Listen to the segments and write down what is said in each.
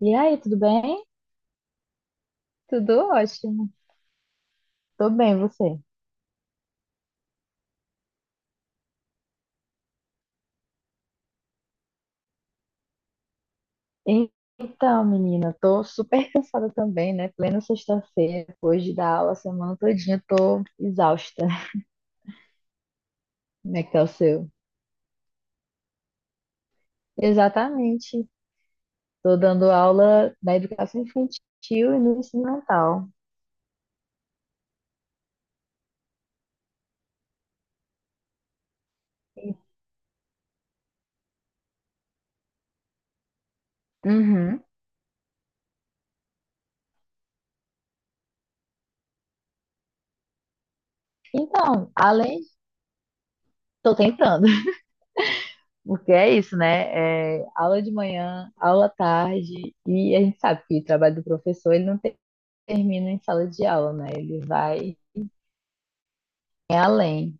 E aí, tudo bem? Tudo ótimo. Tô bem, você? E- Então, menina, tô super cansada também, né? Plena sexta-feira, depois de dar aula a semana todinha, tô exausta. Como é que tá o seu? Exatamente. Tô dando aula na educação infantil e no ensino mental. Uhum. Então, além, tô tentando, porque é isso, né? É aula de manhã, aula à tarde, e a gente sabe que o trabalho do professor, ele não termina em sala de aula, né? Ele vai. É além,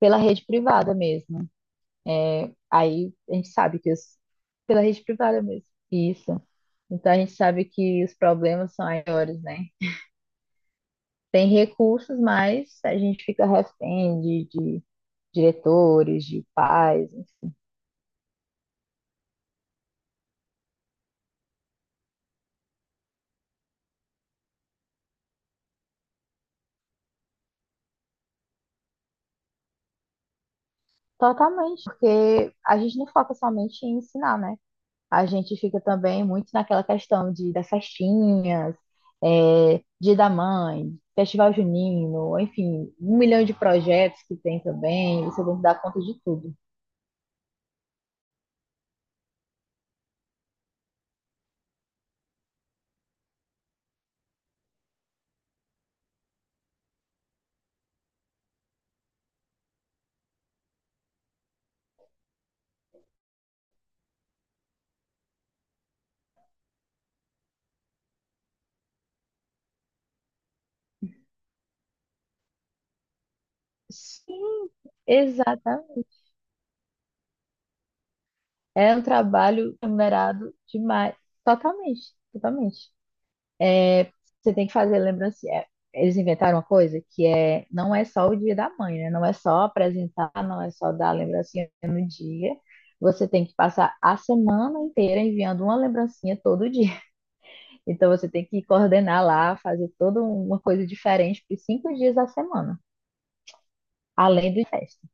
pela rede privada mesmo. É, aí a gente sabe que os, pela rede privada mesmo. Isso. Então a gente sabe que os problemas são maiores, né? Tem recursos, mas a gente fica refém de diretores, de pais, enfim. Totalmente, porque a gente não foca somente em ensinar, né? A gente fica também muito naquela questão de das festinhas, é, Dia da Mãe, Festival Junino, enfim, um milhão de projetos que tem também, você tem que dar conta de tudo. Sim, exatamente. É um trabalho remunerado demais. Totalmente, totalmente. Você tem que fazer lembrancinha. É, eles inventaram uma coisa que é, não é só o Dia da Mãe, né? Não é só apresentar, não é só dar lembrancinha no dia. Você tem que passar a semana inteira enviando uma lembrancinha todo dia. Então você tem que coordenar lá, fazer toda uma coisa diferente por cinco dias da semana, além do festa.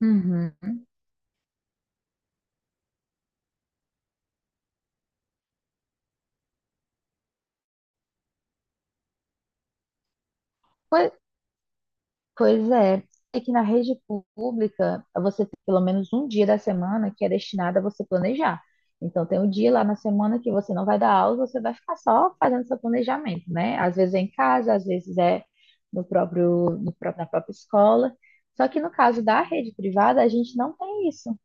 Uhum. Foi, pois é, é que na rede pública você tem pelo menos um dia da semana que é destinado a você planejar. Então tem um dia lá na semana que você não vai dar aula, você vai ficar só fazendo seu planejamento, né? Às vezes é em casa, às vezes é no próprio, no próprio- na própria escola. Só que no caso da rede privada, a gente não tem isso.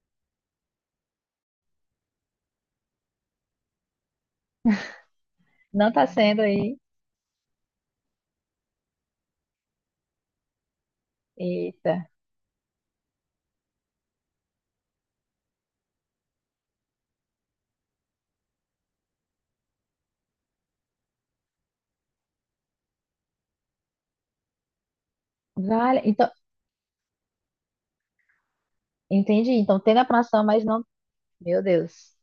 Não está sendo aí. Eita, vale. Então, entendi. Então tem na programação, mas não. Meu Deus.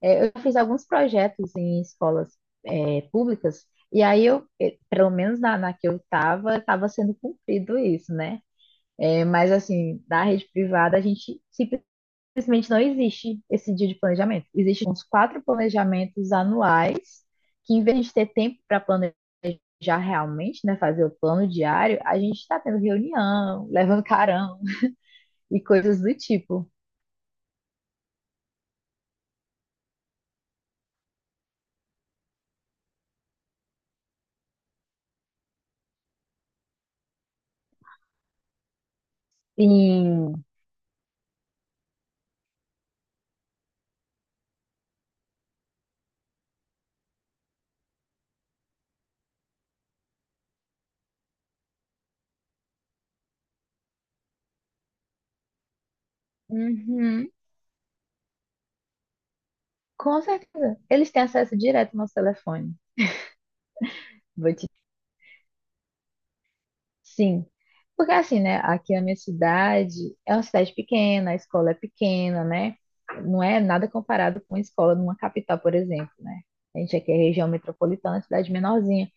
É, eu fiz alguns projetos em escolas, é, públicas, e aí eu, pelo menos na que eu estava sendo cumprido isso, né? É, mas assim, da rede privada, a gente simplesmente não existe esse dia de planejamento. Existem uns quatro planejamentos anuais, que em vez de ter tempo para planejar realmente, né, fazer o plano diário, a gente está tendo reunião, levando carão e coisas do tipo. E uhum. Com certeza. Eles têm acesso direto ao nosso telefone. Vou te... Sim. Porque assim, né? Aqui na minha cidade é uma cidade pequena, a escola é pequena, né? Não é nada comparado com a escola numa capital, por exemplo, né? A gente aqui é região metropolitana, cidade menorzinha.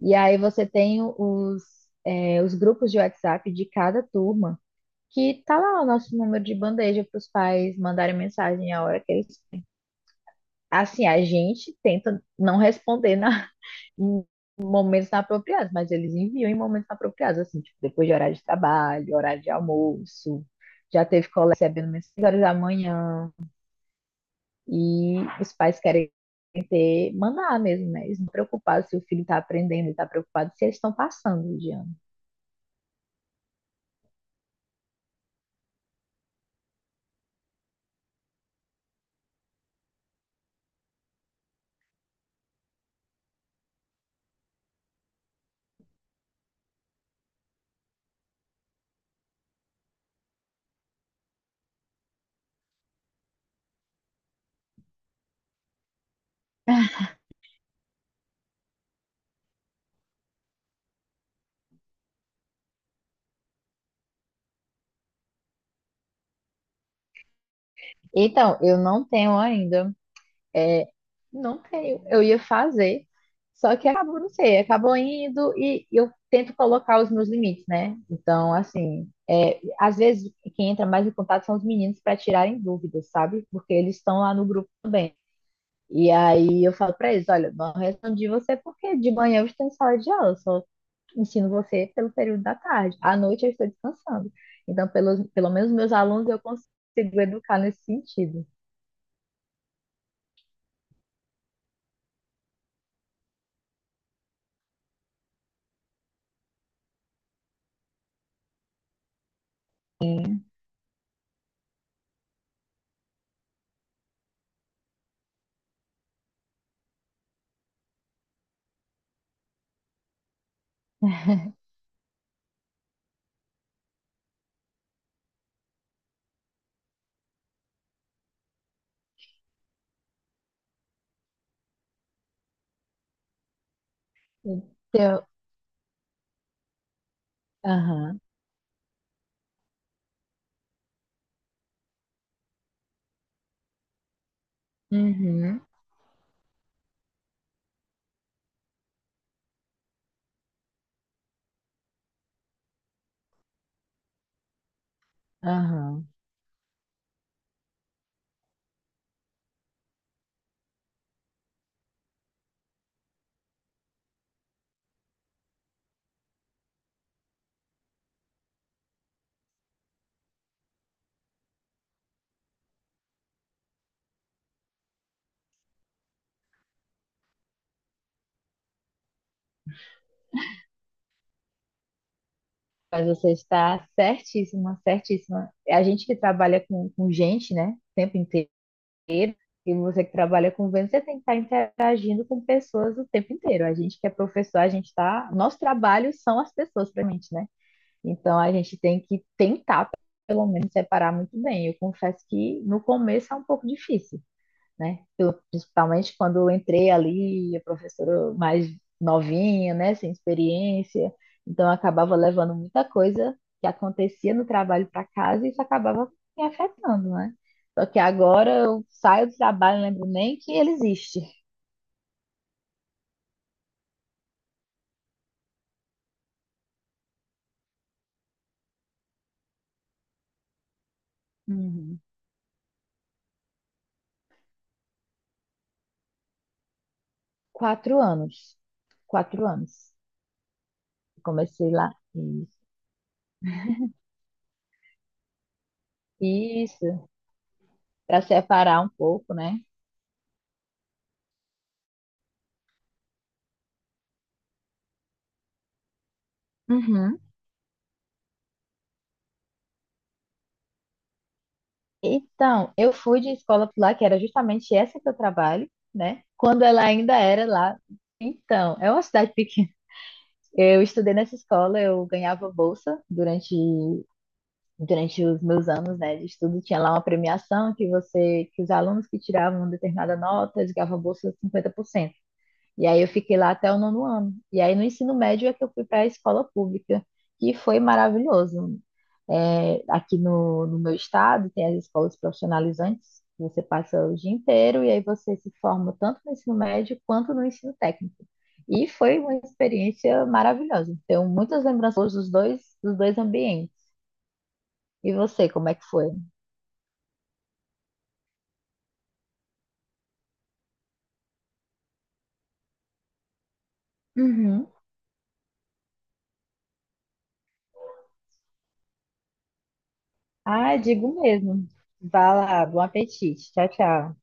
E aí você tem os, é, os grupos de WhatsApp de cada turma, que tá lá o nosso número de bandeja para os pais mandarem mensagem a hora que eles. Assim, a gente tenta não responder na em momentos apropriados, mas eles enviam em momentos apropriados, assim, tipo, depois de horário de trabalho, horário de almoço. Já teve colega recebendo umas 6 horas da manhã. E os pais querem ter, mandar mesmo, né? Eles não estão preocupados se o filho está aprendendo, ele está preocupado se eles estão passando de ano. Então, eu não tenho ainda. É, não tenho. Eu ia fazer, só que acabou, não sei, acabou indo e eu tento colocar os meus limites, né? Então, assim, é, às vezes quem entra mais em contato são os meninos para tirarem dúvidas, sabe? Porque eles estão lá no grupo também. E aí eu falo para eles, olha, não respondi você porque de manhã eu estou em sala de aula, eu só ensino você pelo período da tarde. À noite eu estou descansando. Então, pelos pelo menos meus alunos eu consigo educar nesse sentido. Então, aham, uhum, aham. Mas você está certíssima, certíssima. É a gente que trabalha com gente, né, o tempo inteiro, e você que trabalha com venda, você tem que estar interagindo com pessoas o tempo inteiro. A gente que é professor, a gente está. Nosso trabalho são as pessoas pra gente, né? Então a gente tem que tentar, pelo menos, separar muito bem. Eu confesso que no começo é um pouco difícil. Né? Eu, principalmente quando eu entrei ali, a professora mais novinha, né, sem experiência, então eu acabava levando muita coisa que acontecia no trabalho para casa e isso acabava me afetando, né? Só que agora eu saio do trabalho, não lembro nem que ele existe. Uhum. Quatro anos, quatro anos. Comecei lá. Isso, isso. Para separar um pouco, né? Uhum. Então, eu fui de escola pular, que era justamente essa que eu trabalho, né? Quando ela ainda era lá. Então, é uma cidade pequena. Eu estudei nessa escola, eu ganhava bolsa durante os meus anos, né, de estudo. Tinha lá uma premiação que você, que os alunos que tiravam determinada nota, eles ganhavam bolsa de 50%. E aí eu fiquei lá até o nono ano. E aí no ensino médio é que eu fui para a escola pública, que foi maravilhoso. É, aqui no meu estado tem as escolas profissionalizantes, que você passa o dia inteiro e aí você se forma tanto no ensino médio quanto no ensino técnico. E foi uma experiência maravilhosa. Tenho muitas lembranças dos dois ambientes. E você, como é que foi? Uhum. Ah, digo mesmo. Vá lá, bom apetite. Tchau, tchau.